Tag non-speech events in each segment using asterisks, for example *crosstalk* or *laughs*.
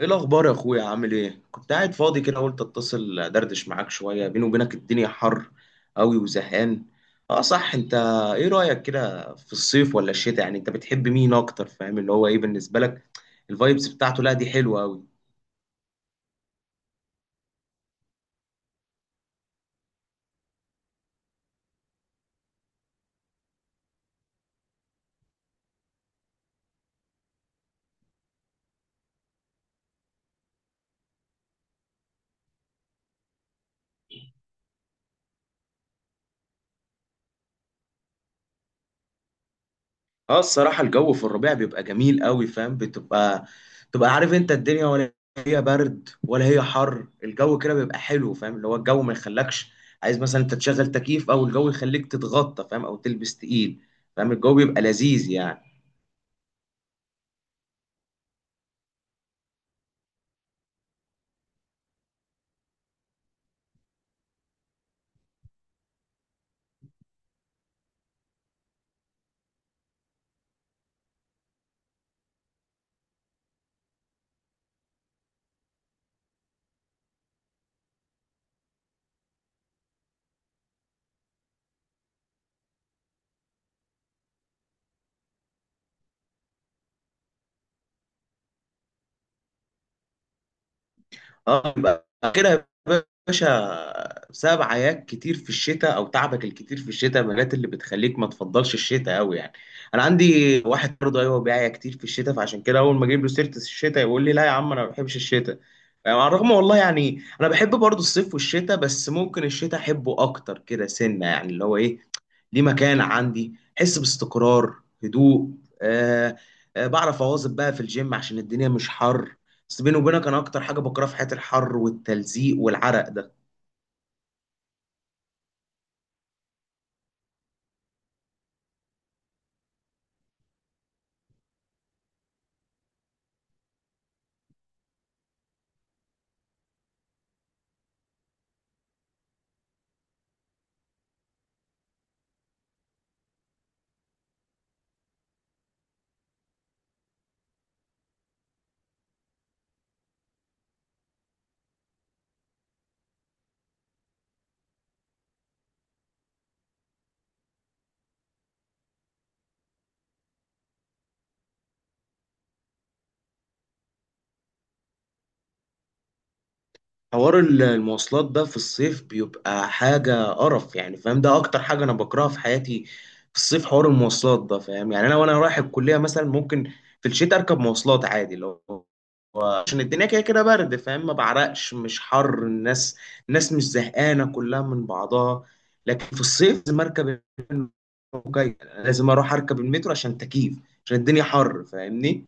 ايه الاخبار يا اخويا؟ عامل ايه؟ كنت قاعد فاضي كده، قلت اتصل دردش معاك شويه. بيني وبينك الدنيا حر قوي وزهقان. اه صح، انت ايه رايك كده في الصيف ولا الشتاء؟ يعني انت بتحب مين اكتر؟ فاهم اللي هو ايه بالنسبه لك الفايبس بتاعته؟ لا دي حلوه قوي. اه الصراحة الجو في الربيع بيبقى جميل قوي، فاهم؟ بتبقى عارف انت الدنيا، ولا هي برد ولا هي حر. الجو كده بيبقى حلو، فاهم اللي هو الجو ما يخلكش عايز مثلا انت تشغل تكييف، او الجو يخليك تتغطى، فاهم؟ او تلبس تقيل، فاهم؟ الجو بيبقى لذيذ يعني. اه، يبقى اخرها يا باشا بسبب عياك كتير في الشتاء او تعبك الكتير في الشتاء، مالات اللي بتخليك ما تفضلش الشتاء قوي يعني. انا عندي واحد برضه ايوه بيعيا كتير في الشتاء، فعشان كده اول ما اجيب له سيره الشتاء يقول لي لا يا عم انا ما بحبش الشتاء. يعني على الرغم والله يعني انا بحب برضه الصيف والشتاء، بس ممكن الشتاء احبه اكتر كده سنه، يعني اللي هو ايه، ليه مكان عندي حس باستقرار، هدوء. آه. آه بعرف اواظب بقى في الجيم عشان الدنيا مش حر. بس بيني وبينك انا اكتر حاجه بكرهها في حياتي الحر والتلزيق والعرق ده. حوار المواصلات ده في الصيف بيبقى حاجه قرف يعني، فاهم؟ ده اكتر حاجه انا بكرهها في حياتي في الصيف، حوار المواصلات ده فاهم؟ يعني انا وانا رايح الكليه مثلا ممكن في الشتاء اركب مواصلات عادي، لو عشان الدنيا كده كده برد، فاهم؟ ما بعرقش، مش حر. الناس مش زهقانه كلها من بعضها. لكن في الصيف لازم اركب الموجة. لازم اروح اركب المترو عشان تكييف، عشان الدنيا حر، فاهمني؟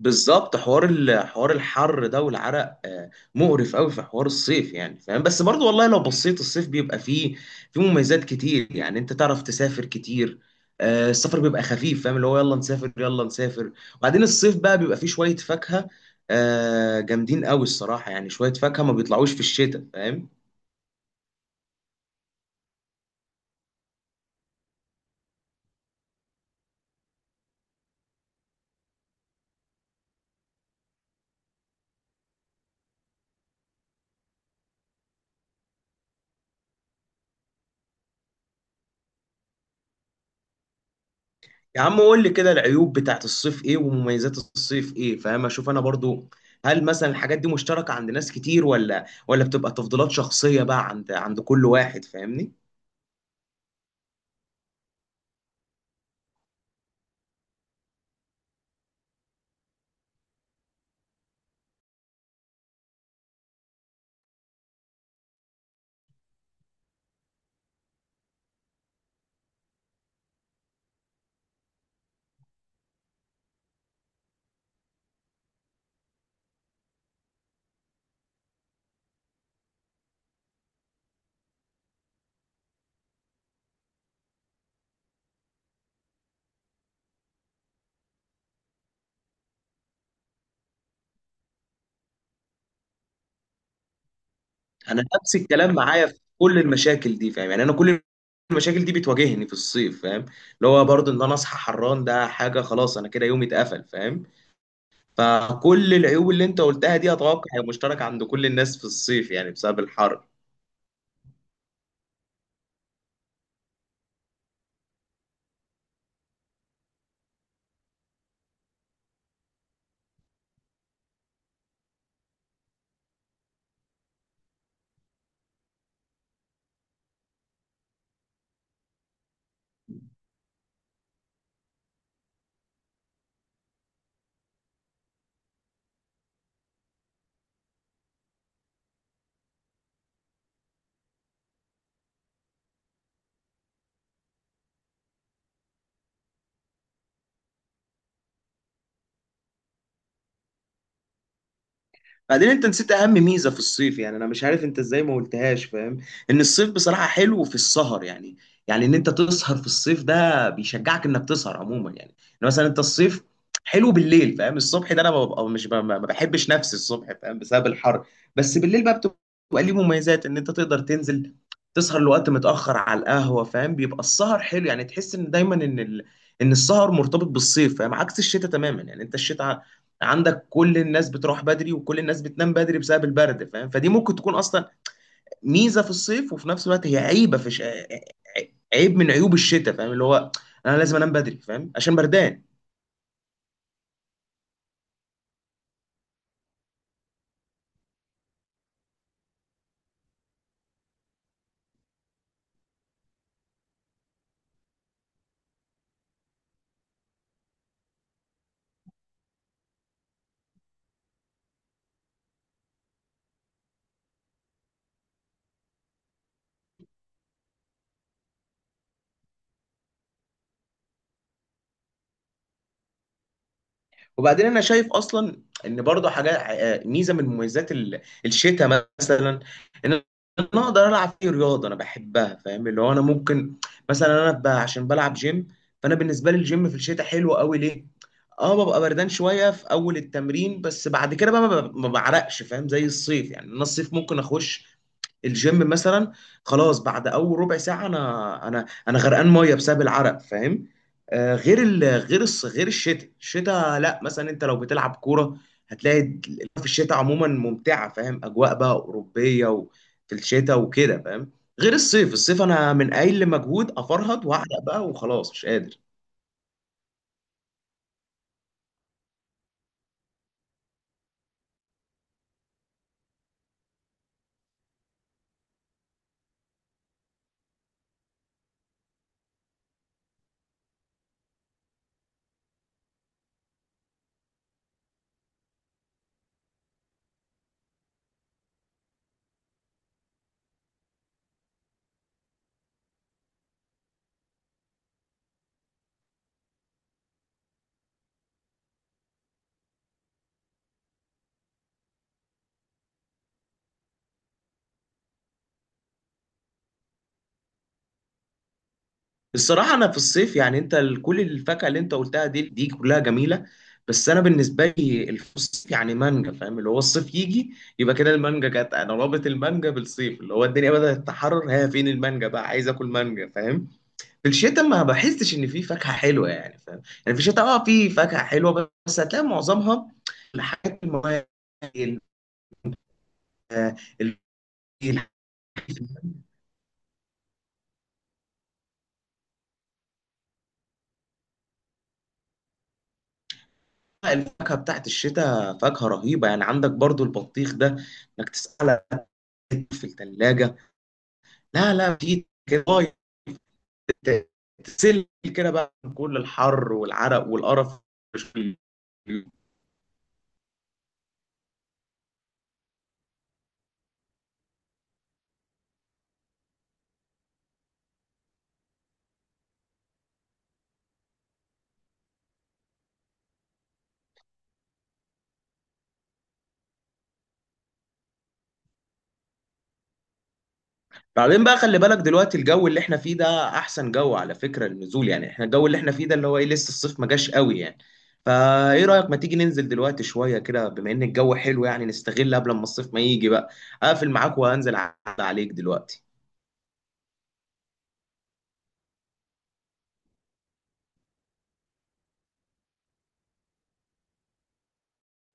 بالظبط حوار حوار الحر ده والعرق آه، مقرف قوي في حوار الصيف يعني، فاهم؟ بس برضو والله لو بصيت الصيف بيبقى فيه مميزات كتير. يعني انت تعرف تسافر كتير، آه، السفر بيبقى خفيف، فاهم اللي هو يلا نسافر يلا نسافر. وبعدين الصيف بقى بيبقى فيه شوية فاكهة آه، جامدين قوي الصراحة. يعني شوية فاكهة ما بيطلعوش في الشتاء، فاهم؟ يا عم قول لي كده العيوب بتاعت الصيف ايه، ومميزات الصيف ايه، فاهم؟ اشوف انا برضو هل مثلا الحاجات دي مشتركة عند ناس كتير، ولا بتبقى تفضيلات شخصية بقى عند كل واحد، فاهمني؟ انا نفس الكلام معايا في كل المشاكل دي، فاهم؟ يعني انا كل المشاكل دي بتواجهني في الصيف، فاهم؟ اللي هو برضو ان انا اصحى حران، ده حاجة خلاص انا كده يومي اتقفل، فاهم؟ فكل العيوب اللي انت قلتها دي اتوقع هي مشتركة عند كل الناس في الصيف يعني بسبب الحر. بعدين انت نسيت اهم ميزه في الصيف، يعني انا مش عارف انت ازاي ما قلتهاش، فاهم؟ ان الصيف بصراحه حلو في السهر يعني. يعني ان انت تسهر في الصيف ده بيشجعك انك تسهر عموما يعني. ان مثلا انت الصيف حلو بالليل، فاهم؟ الصبح ده انا ببقى مش ما بحبش نفسي الصبح، فاهم؟ بسبب الحر. بس بالليل بقى بتبقى ليه مميزات ان انت تقدر تنزل تسهر لوقت متاخر على القهوه، فاهم؟ بيبقى السهر حلو، يعني تحس ان دايما ان ان السهر مرتبط بالصيف، فاهم؟ عكس الشتاء تماما. يعني انت الشتاء عندك كل الناس بتروح بدري وكل الناس بتنام بدري بسبب البرد، فاهم؟ فدي ممكن تكون اصلا ميزه في الصيف وفي نفس الوقت هي عيبه في عيب من عيوب الشتاء، فاهم اللي هو انا لازم انام بدري، فاهم؟ عشان بردان. وبعدين انا شايف اصلا ان برضه حاجه آه، ميزه من مميزات الشتاء مثلا، ان انا اقدر العب فيه رياضه انا بحبها، فاهم اللي هو انا ممكن مثلا عشان بلعب جيم، فانا بالنسبه لي الجيم في الشتاء حلو قوي. ليه؟ اه ببقى بردان شويه في اول التمرين، بس بعد كده بقى ما بعرقش، فاهم؟ زي الصيف يعني، انا الصيف ممكن اخش الجيم مثلا، خلاص بعد اول ربع ساعه انا غرقان ميه بسبب العرق، فاهم؟ آه غير غير غير الشتاء. الشتاء لا، مثلا انت لو بتلعب كوره هتلاقي في الشتاء عموما ممتعه، فاهم؟ اجواء بقى اوروبيه وفي الشتاء وكده، فاهم؟ غير الصيف. الصيف انا من اقل مجهود افرهد واعرق بقى وخلاص مش قادر. الصراحة أنا في الصيف يعني أنت كل الفاكهة اللي أنت قلتها دي كلها جميلة. بس أنا بالنسبة لي الصيف يعني مانجا، فاهم اللي هو الصيف يجي يبقى كده المانجا جت. أنا رابط المانجا بالصيف، اللي هو الدنيا بدأت تتحرر هي فين المانجا بقى، عايز آكل مانجا، فاهم؟ في الشتاء ما بحسش إن في فاكهة حلوة يعني، فاهم؟ يعني في الشتاء أه في فاكهة حلوة بس هتلاقي معظمها الحاجات المواد ال- آه، ال- الفاكهة بتاعت الشتاء فاكهة رهيبة. يعني عندك برضو البطيخ ده، إنك تسأل في التلاجة، لا لا في كده لغاية ت- تسل كده بقى من كل الحر والعرق والقرف. *laughs* بعدين بقى خلي بالك دلوقتي الجو اللي احنا فيه ده احسن جو على فكرة للنزول. يعني احنا الجو اللي احنا فيه ده اللي هو ايه، لسه الصيف ما جاش قوي يعني. فايه رأيك ما تيجي ننزل دلوقتي شوية كده بما ان الجو حلو؟ يعني نستغل قبل ما الصيف ما يجي بقى. اقفل معاك وانزل عليك دلوقتي.